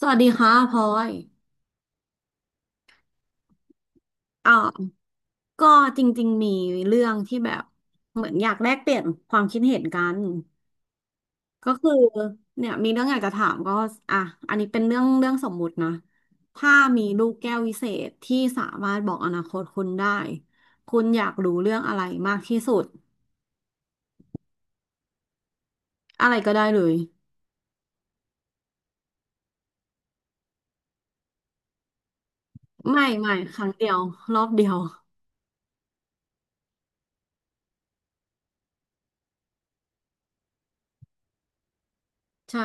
สวัสดีค่ะพลอยอ่าก็จริงๆมีเรื่องที่แบบเหมือนอยากแลกเปลี่ยนความคิดเห็นกันก็คือเนี่ยมีเรื่องอยากจะถามก็อ่ะอันนี้เป็นเรื่องสมมุตินะถ้ามีลูกแก้ววิเศษที่สามารถบอกอนาคตคุณได้ คุณอยากรู้เรื่องอะไรมากที่สุด อะไรก็ได้เลยไม่ครั้งเดียวรอบเดียวใช่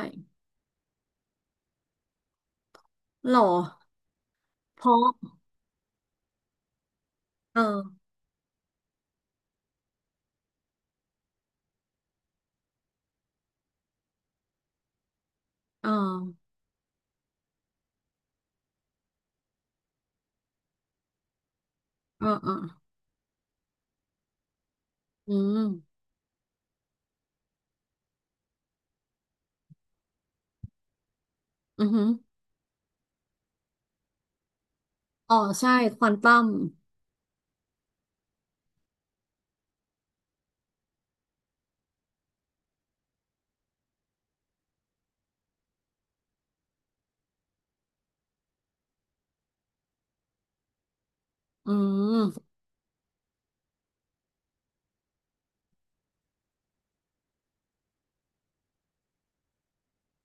หรอเพราะเออเออเออเอออืมอือหือ อ๋อใช่ควอนตัมอืม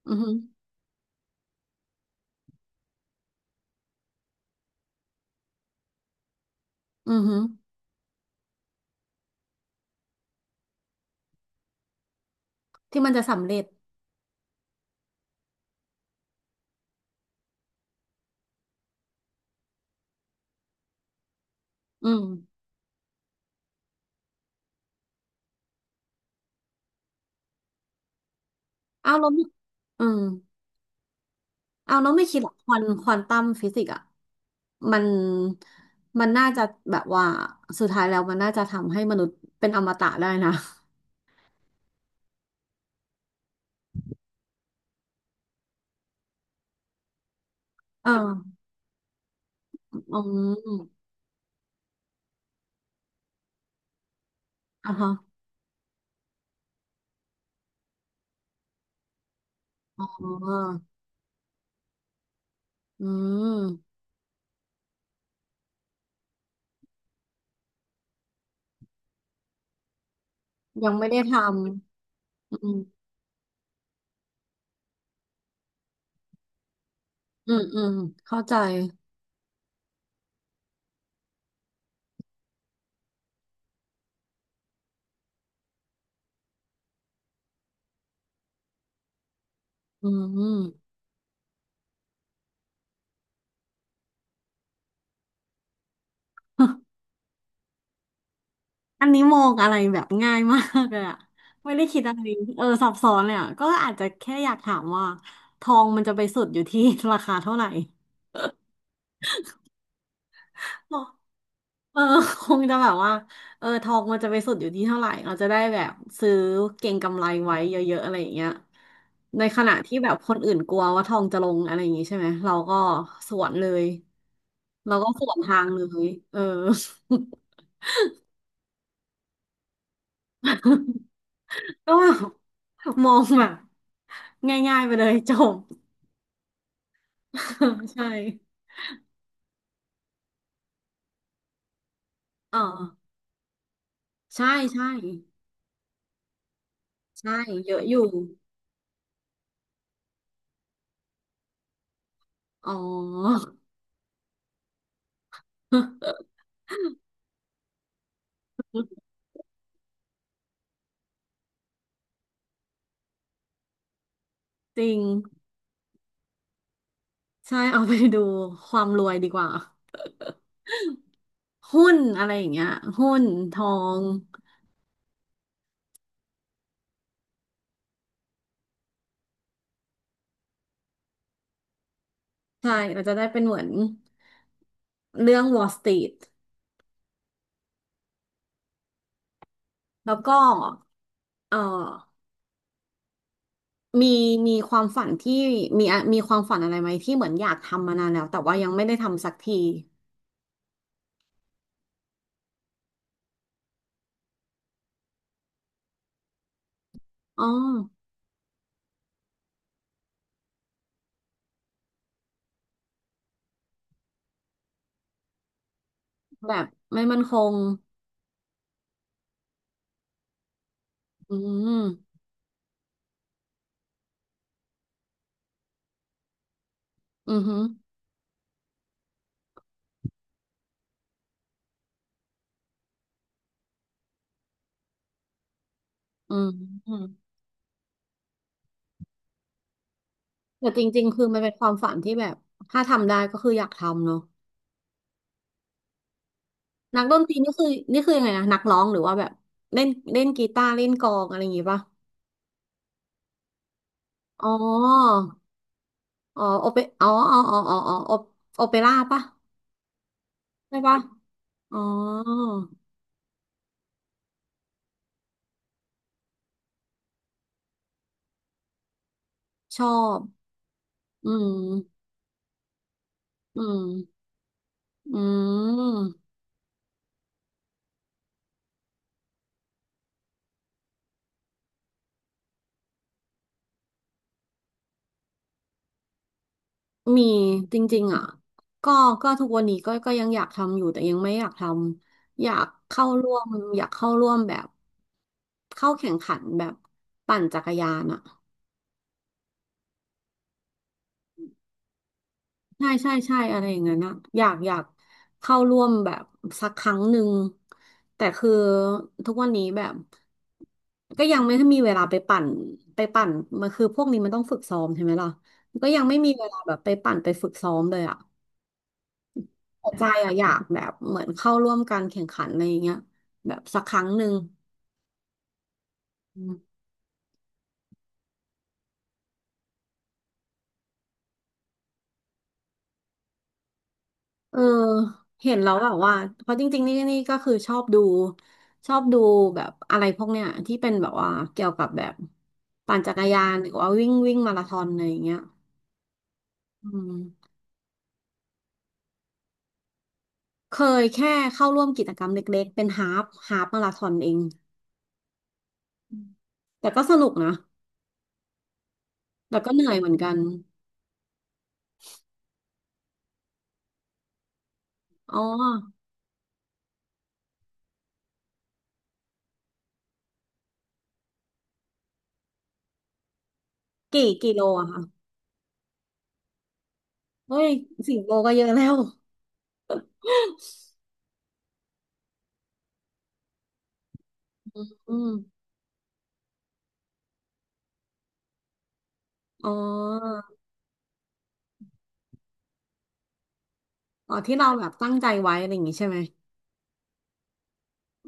อือหืออือหือที่มันจะสำเร็จอืมเอาเราไม่อืมเอาเราไม่คิดหรอกควอนตัมฟิสิกส์อ่ะมันมันน่าจะแบบว่าสุดท้ายแล้วมันน่าจะทำให้มนุษย์เป็นอมตะได้นะ เอออืมอ่ะฮะอ๋ออืมยังไม่ได้ทำอืมอืมอืมเข้าใจอืม อันนี้มองอะไรแบบง่ายมากเลยอะไม่ได้คิดอะไรเออซับซ้อนเลยอะก็อาจจะแค่อยากถามว่าทองมันจะไปสุดอยู่ที่ ราคาเท่าไหร่ เออคงจะแบบว่าเออทองมันจะไปสุดอยู่ที่เท่าไหร่เราจะได้แบบซื้อเก็งกำไรไว้เยอะๆอะไรอย่างเงี้ยในขณะที่แบบคนอื่นกลัวว่าทองจะลงอะไรอย่างงี้ใช่ไหมเราก็สวนเลยเราก็สวนทางเลยเออ ก็แบบ มองแบบง่ายๆไปเลยจบ ใช่อ๋อ ใช่ใช่ใช่ เยอะอยู่ อ๋อ จริงใช่ เอาไปดูความรวยดีกว่า หุ้นอะไรอย่างเงี้ยหุ้นทองใช่เราจะได้เป็นเหมือนเรื่อง Wall Street แล้วก็เอ่อมี มีความฝันที่มีมีความฝันอะไรไหมที่เหมือนอยากทำมานานแล้วแต่ว่ายังไม่ได้ทำสักทีอ๋อแบบไม่มั่นคง อืมอือหืออืม แต่จริงๆคือมันเป็นความฝันที่แบบถ้าทำได้ก็คืออยากทำเนาะนักดนตรีนี่คือนี่คือยังไงนะนักร้องหรือว่าแบบเล่นเล่นกีตาร์เล่นกลองอะไรอย่างงี้ป่ะอ๋ออ๋อโอเปอ๋ออ๋ออ๋ออ๋ออ๋อโอโอเปร่าป่ะใช่ป่ะอ๋อชอบอืมอืมอืม มีจริงๆอ่ะก็ก็ทุกวันนี้ก็ยังอยากทำอยู่แต่ยังไม่อยากทำอยากเข้าร่วมอยากเข้าร่วมแบบเข้าแข่งขันแบบปั่นจักรยานอ่ะใช่ใช่ใช่อะไรอย่างเงี้ยนอะอยากเข้าร่วมแบบสักครั้งหนึ่งแต่คือทุกวันนี้แบบก็ยังไม่มีเวลาไปปั่นมันคือพวกนี้มันต้องฝึกซ้อมใช่ไหมล่ะก็ยังไม่มีเวลาแบบไปปั่นไปฝึกซ้อมเลยอ่ะ แต่ใจอะอยากแบบเหมือนเข้าร่วมการแข่งขันอะไรอย่างเงี้ยแบบสักครั้งหนึ่งอืมเออเห็นแล้วแบบว่าเพราะจริงๆนี่นี่ก็คือชอบดูแบบอะไรพวกเนี้ยที่เป็นแบบว่าเกี่ยวกับแบบปั่นจักรยานหรือว่าวิ่งวิ่งมาราธอนอะไรอย่างเงี้ยอืมเคยแค่เข้าร่วมกิจกรรมเล็กๆเป็นฮาล์ฟมาราธอนเองอืมแต่ก็สนุกนะแต่ก็เหนื่อยเหมือนกันอ๋อกี่กิโลอะคะเฮ้ยสี่โลก็เยอะแล้วอืม อ๋ออ๋อ ที่เราแบบตั้งใจไว้อะไรอย่างงี้ใช่ไหม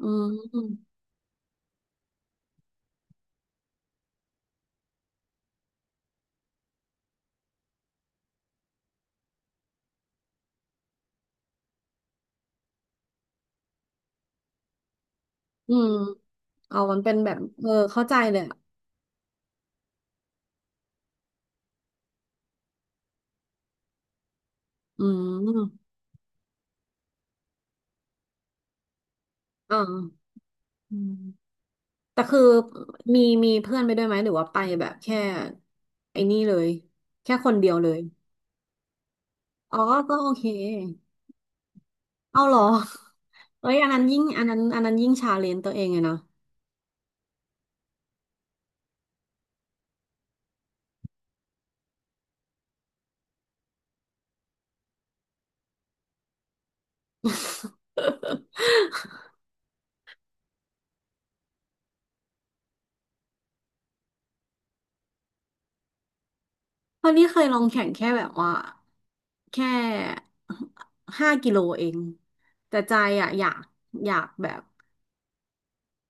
อืมอืมอ๋อมันเป็นแบบเออเข้าใจเลยอะอืมอ๋ออืมแต่คือมีเพื่อนไปด้วยไหม หรือว่าไปแบบแค่ไอ้นี่เลย แค่คนเดียวเลย อ๋อ ก็โอเค เอาเหรอเอ้ยอันนั้นยิ่งอันนั้นยิ่งชาเลนจ์ตัวเองเลยนะ เพราะนี่เคยลองแข่งแค่แบบว่าแค่ห้ากิโลเองแต่ใจอ่ะอยากแบบ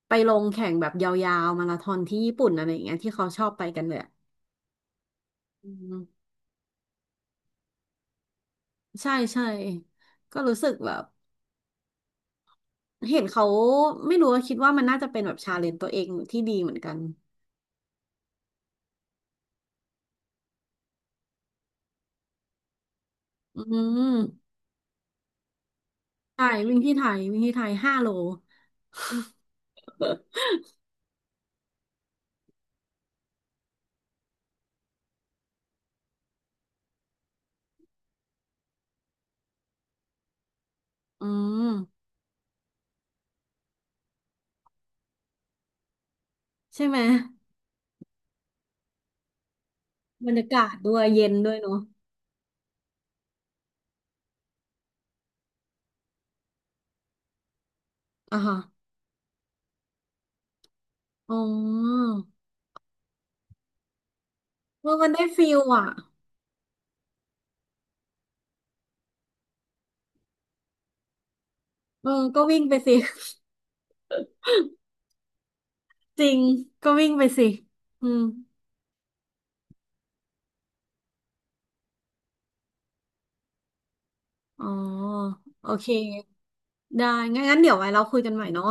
ไปลงแข่งแบบยาวๆมาราธอนที่ญี่ปุ่นอะไรอย่างเงี้ยที่เขาชอบไปกันเลยอะอืมใช่ใช่ก็รู้สึกแบบเห็นเขาไม่รู้ว่าคิดว่ามันน่าจะเป็นแบบชาเลนจ์ตัวเองที่ดีเหมือนกันอืมใช่วิ่งที่ไทยห้าโลอืมใช่ไหมบรรยากาศด้วยเย็นด้วยเนาะอ่าฮะอ๋อ เออมันได้ฟิลอ่ะเออก็วิ่งไปสิ จริงก็วิ่งไปสิอืมอ๋อโอเคได้งั้นเดี๋ยวไว้เราคุยกันใหม่เนาะ